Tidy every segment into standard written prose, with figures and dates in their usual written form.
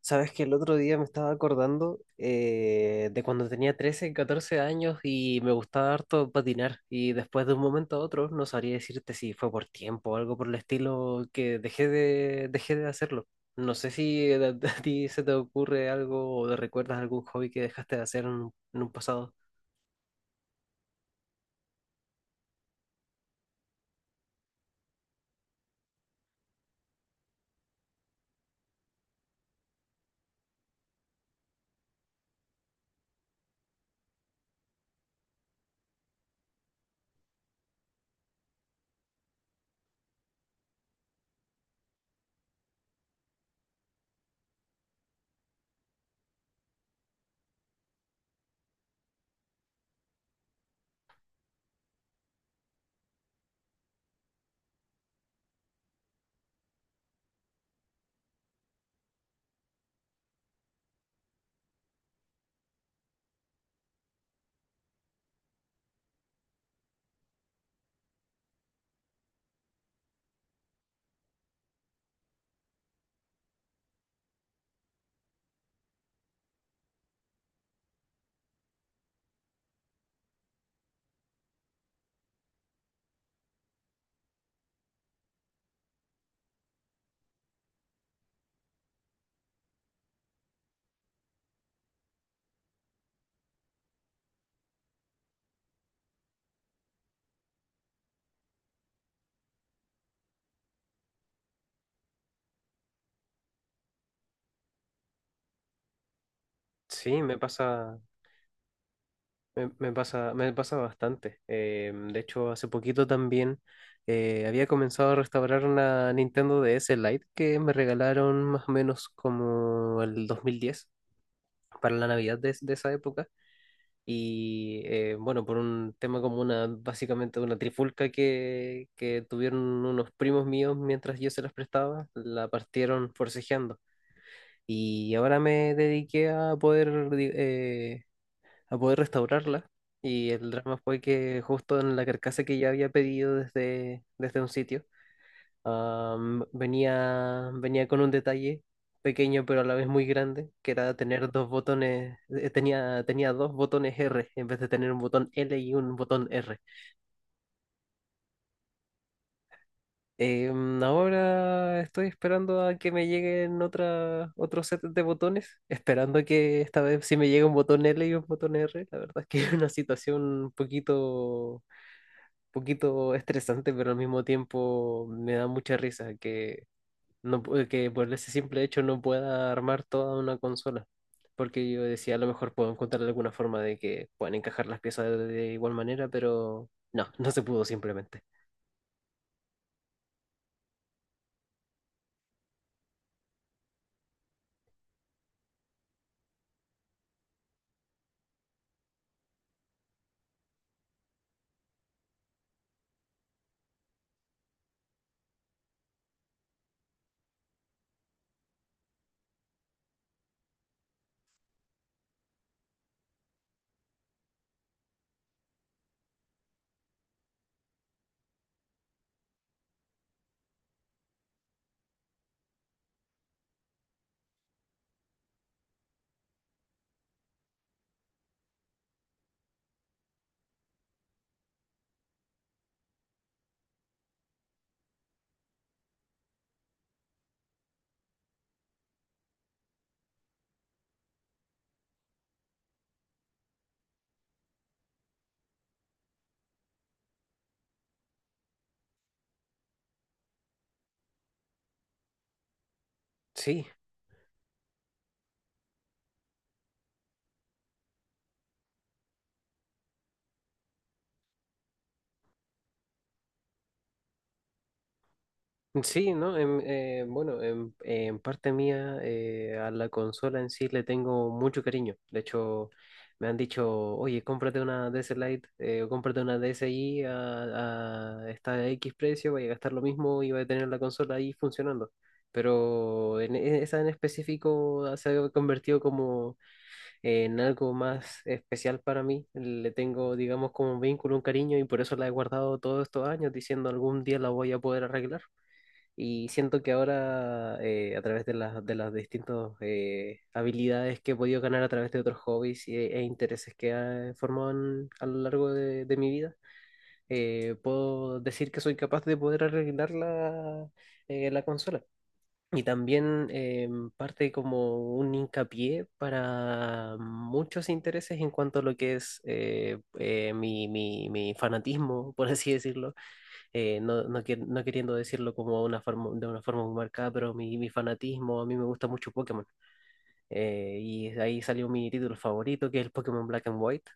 Sabes que el otro día me estaba acordando de cuando tenía 13, 14 años, y me gustaba harto patinar, y después de un momento a otro no sabría decirte si fue por tiempo o algo por el estilo que dejé de hacerlo. No sé si a, a ti se te ocurre algo, o te recuerdas algún hobby que dejaste de hacer en un pasado. Sí, me pasa. Me pasa bastante. De hecho, hace poquito también había comenzado a restaurar una Nintendo DS Lite que me regalaron más o menos como el 2010, para la Navidad de esa época. Y bueno, por un tema como una, básicamente una trifulca que tuvieron unos primos míos mientras yo se las prestaba, la partieron forcejeando. Y ahora me dediqué a poder restaurarla. Y el drama fue que justo en la carcasa que ya había pedido desde un sitio, venía con un detalle pequeño, pero a la vez muy grande, que era tener dos botones: tenía dos botones R en vez de tener un botón L y un botón R. Ahora estoy esperando a que me lleguen otra, otro set de botones, esperando que esta vez sí me llegue un botón L y un botón R. La verdad es que es una situación un poquito poquito estresante, pero al mismo tiempo me da mucha risa que, no, que por ese simple hecho no pueda armar toda una consola. Porque yo decía, a lo mejor puedo encontrar alguna forma de que puedan encajar las piezas de igual manera, pero no, no se pudo simplemente. Sí, sí, ¿no? Bueno, en parte mía, a la consola en sí le tengo mucho cariño. De hecho, me han dicho, oye, cómprate una DS Lite, o cómprate una DSi a esta X precio, vaya a gastar lo mismo y vaya a tener la consola ahí funcionando. Pero esa en específico, se ha convertido como en algo más especial para mí. Le tengo, digamos, como un vínculo, un cariño, y por eso la he guardado todos estos años, diciendo algún día la voy a poder arreglar. Y siento que ahora, a través de las distintas habilidades que he podido ganar a través de otros hobbies e intereses que he formado a lo largo de mi vida, puedo decir que soy capaz de poder arreglar la consola. Y también, parte como un hincapié para muchos intereses en cuanto a lo que es mi fanatismo, por así decirlo. No, no, no queriendo decirlo como una forma, de una forma muy marcada, pero mi fanatismo, a mí me gusta mucho Pokémon. Y de ahí salió mi título favorito, que es el Pokémon Black and White.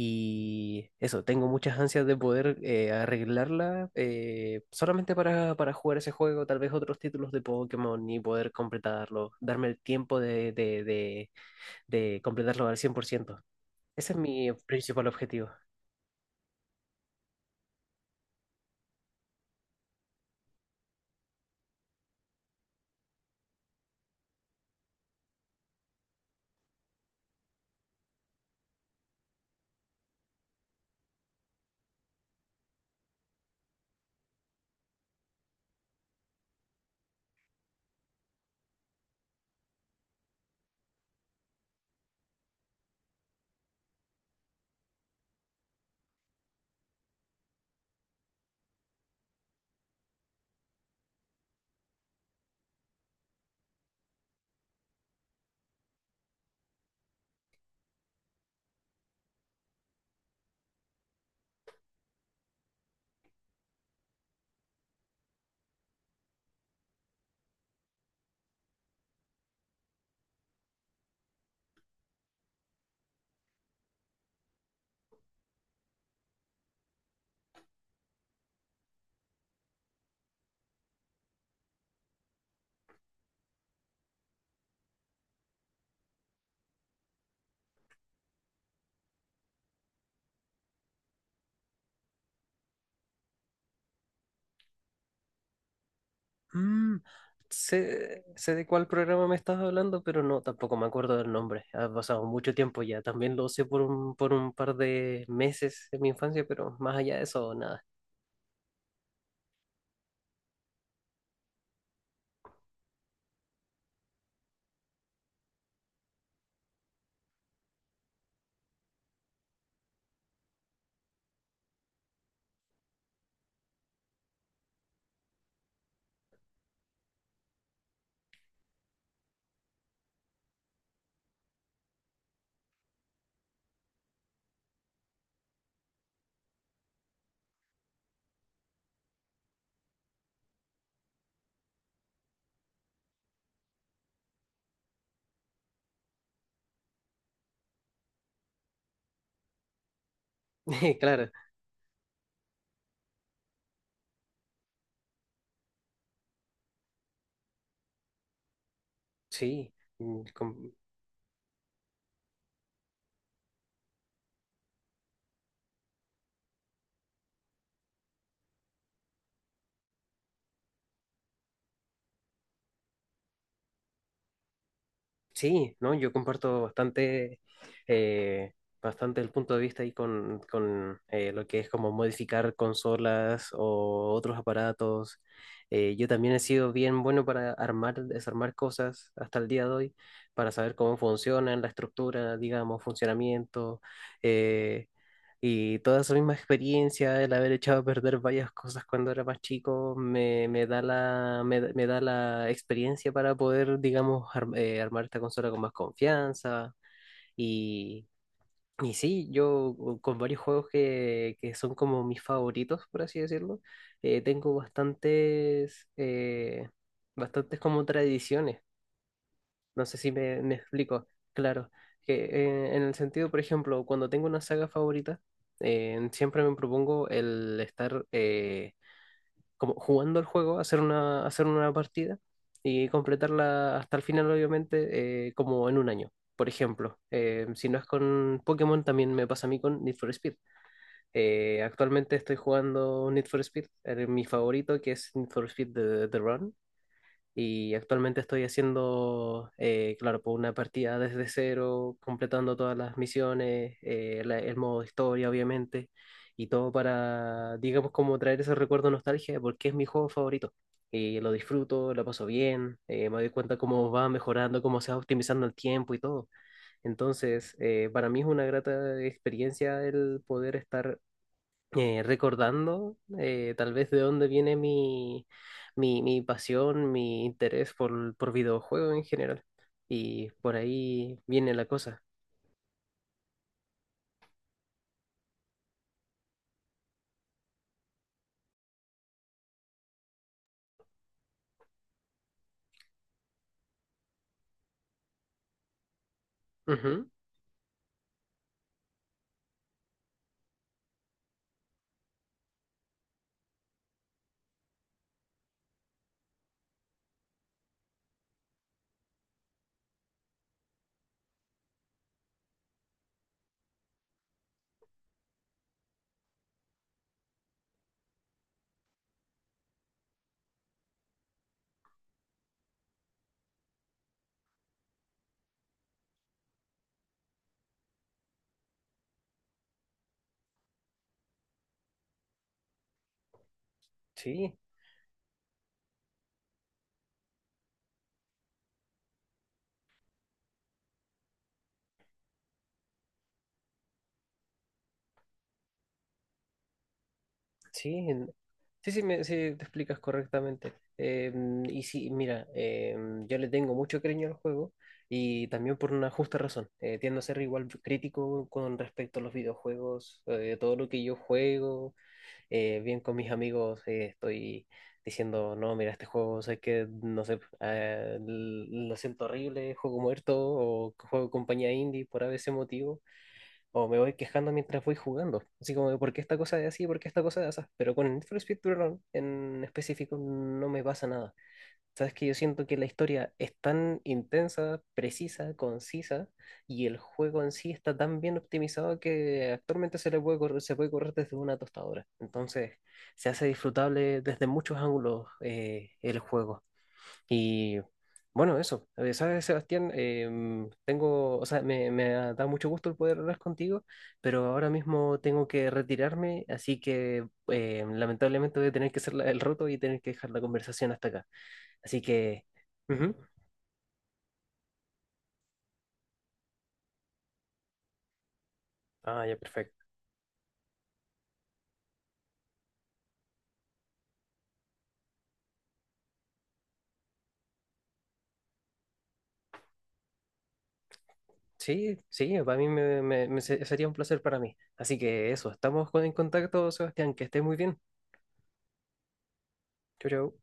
Y eso, tengo muchas ansias de poder arreglarla, solamente para jugar ese juego, tal vez otros títulos de Pokémon, y poder completarlo, darme el tiempo de completarlo al 100%. Ese es mi principal objetivo. Mm, sé de cuál programa me estás hablando, pero no, tampoco me acuerdo del nombre. Ha pasado mucho tiempo ya. También lo usé por un par de meses en mi infancia, pero más allá de eso, nada. Claro, sí. Sí, ¿no? Yo comparto eh, bastante el punto de vista ahí con lo que es como modificar consolas o otros aparatos. Yo también he sido bien bueno para armar, desarmar cosas hasta el día de hoy, para saber cómo funcionan, la estructura, digamos, funcionamiento. eh, y toda esa misma experiencia, el haber echado a perder varias cosas cuando era más chico, me da la experiencia para poder, digamos, armar esta consola con más confianza. Y, y sí, yo con varios juegos que son como mis favoritos, por así decirlo. Tengo bastantes como tradiciones. No sé si me explico. Claro, que, en el sentido, por ejemplo, cuando tengo una saga favorita, siempre me propongo el estar como jugando el juego, hacer una partida y completarla hasta el final, obviamente, como en un año. Por ejemplo, si no es con Pokémon, también me pasa a mí con Need for Speed. Actualmente estoy jugando Need for Speed, mi favorito, que es Need for Speed The Run. Y actualmente estoy haciendo, claro, por una partida desde cero, completando todas las misiones, el modo historia, obviamente, y todo para, digamos, como traer ese recuerdo de nostalgia, porque es mi juego favorito. Y lo disfruto, lo paso bien. Me doy cuenta cómo va mejorando, cómo se va optimizando el tiempo y todo. Entonces, para mí es una grata experiencia el poder estar recordando, tal vez, de dónde viene mi pasión, mi interés por videojuegos en general. Y por ahí viene la cosa. Ujú. Sí, sí, sí, sí, sí, te explicas correctamente. Y sí, mira, yo le tengo mucho cariño al juego, y también por una justa razón. Tiendo a ser igual crítico con respecto a los videojuegos. Todo lo que yo juego bien con mis amigos, estoy diciendo, no, mira, este juego, sé que, no sé, lo siento horrible, juego muerto, o juego compañía indie por a veces motivo, o me voy quejando mientras voy jugando, así como, ¿por qué esta cosa es así? ¿Por qué esta cosa es así? Pero con el Need for Speed Speedrun en específico no me pasa nada. Sabes que yo siento que la historia es tan intensa, precisa, concisa, y el juego en sí está tan bien optimizado que actualmente se le puede correr, se puede correr desde una tostadora. Entonces, se hace disfrutable desde muchos ángulos, el juego. Y bueno, eso. Sabes, Sebastián, tengo, o sea, me ha dado mucho gusto el poder hablar contigo, pero ahora mismo tengo que retirarme, así que lamentablemente voy a tener que hacer el roto y tener que dejar la conversación hasta acá. Así que. Ujú. Ah, ya, perfecto. Sí, sí, para mí sería un placer para mí. Así que eso, estamos en contacto, Sebastián. Que estés muy bien. Chau, chau.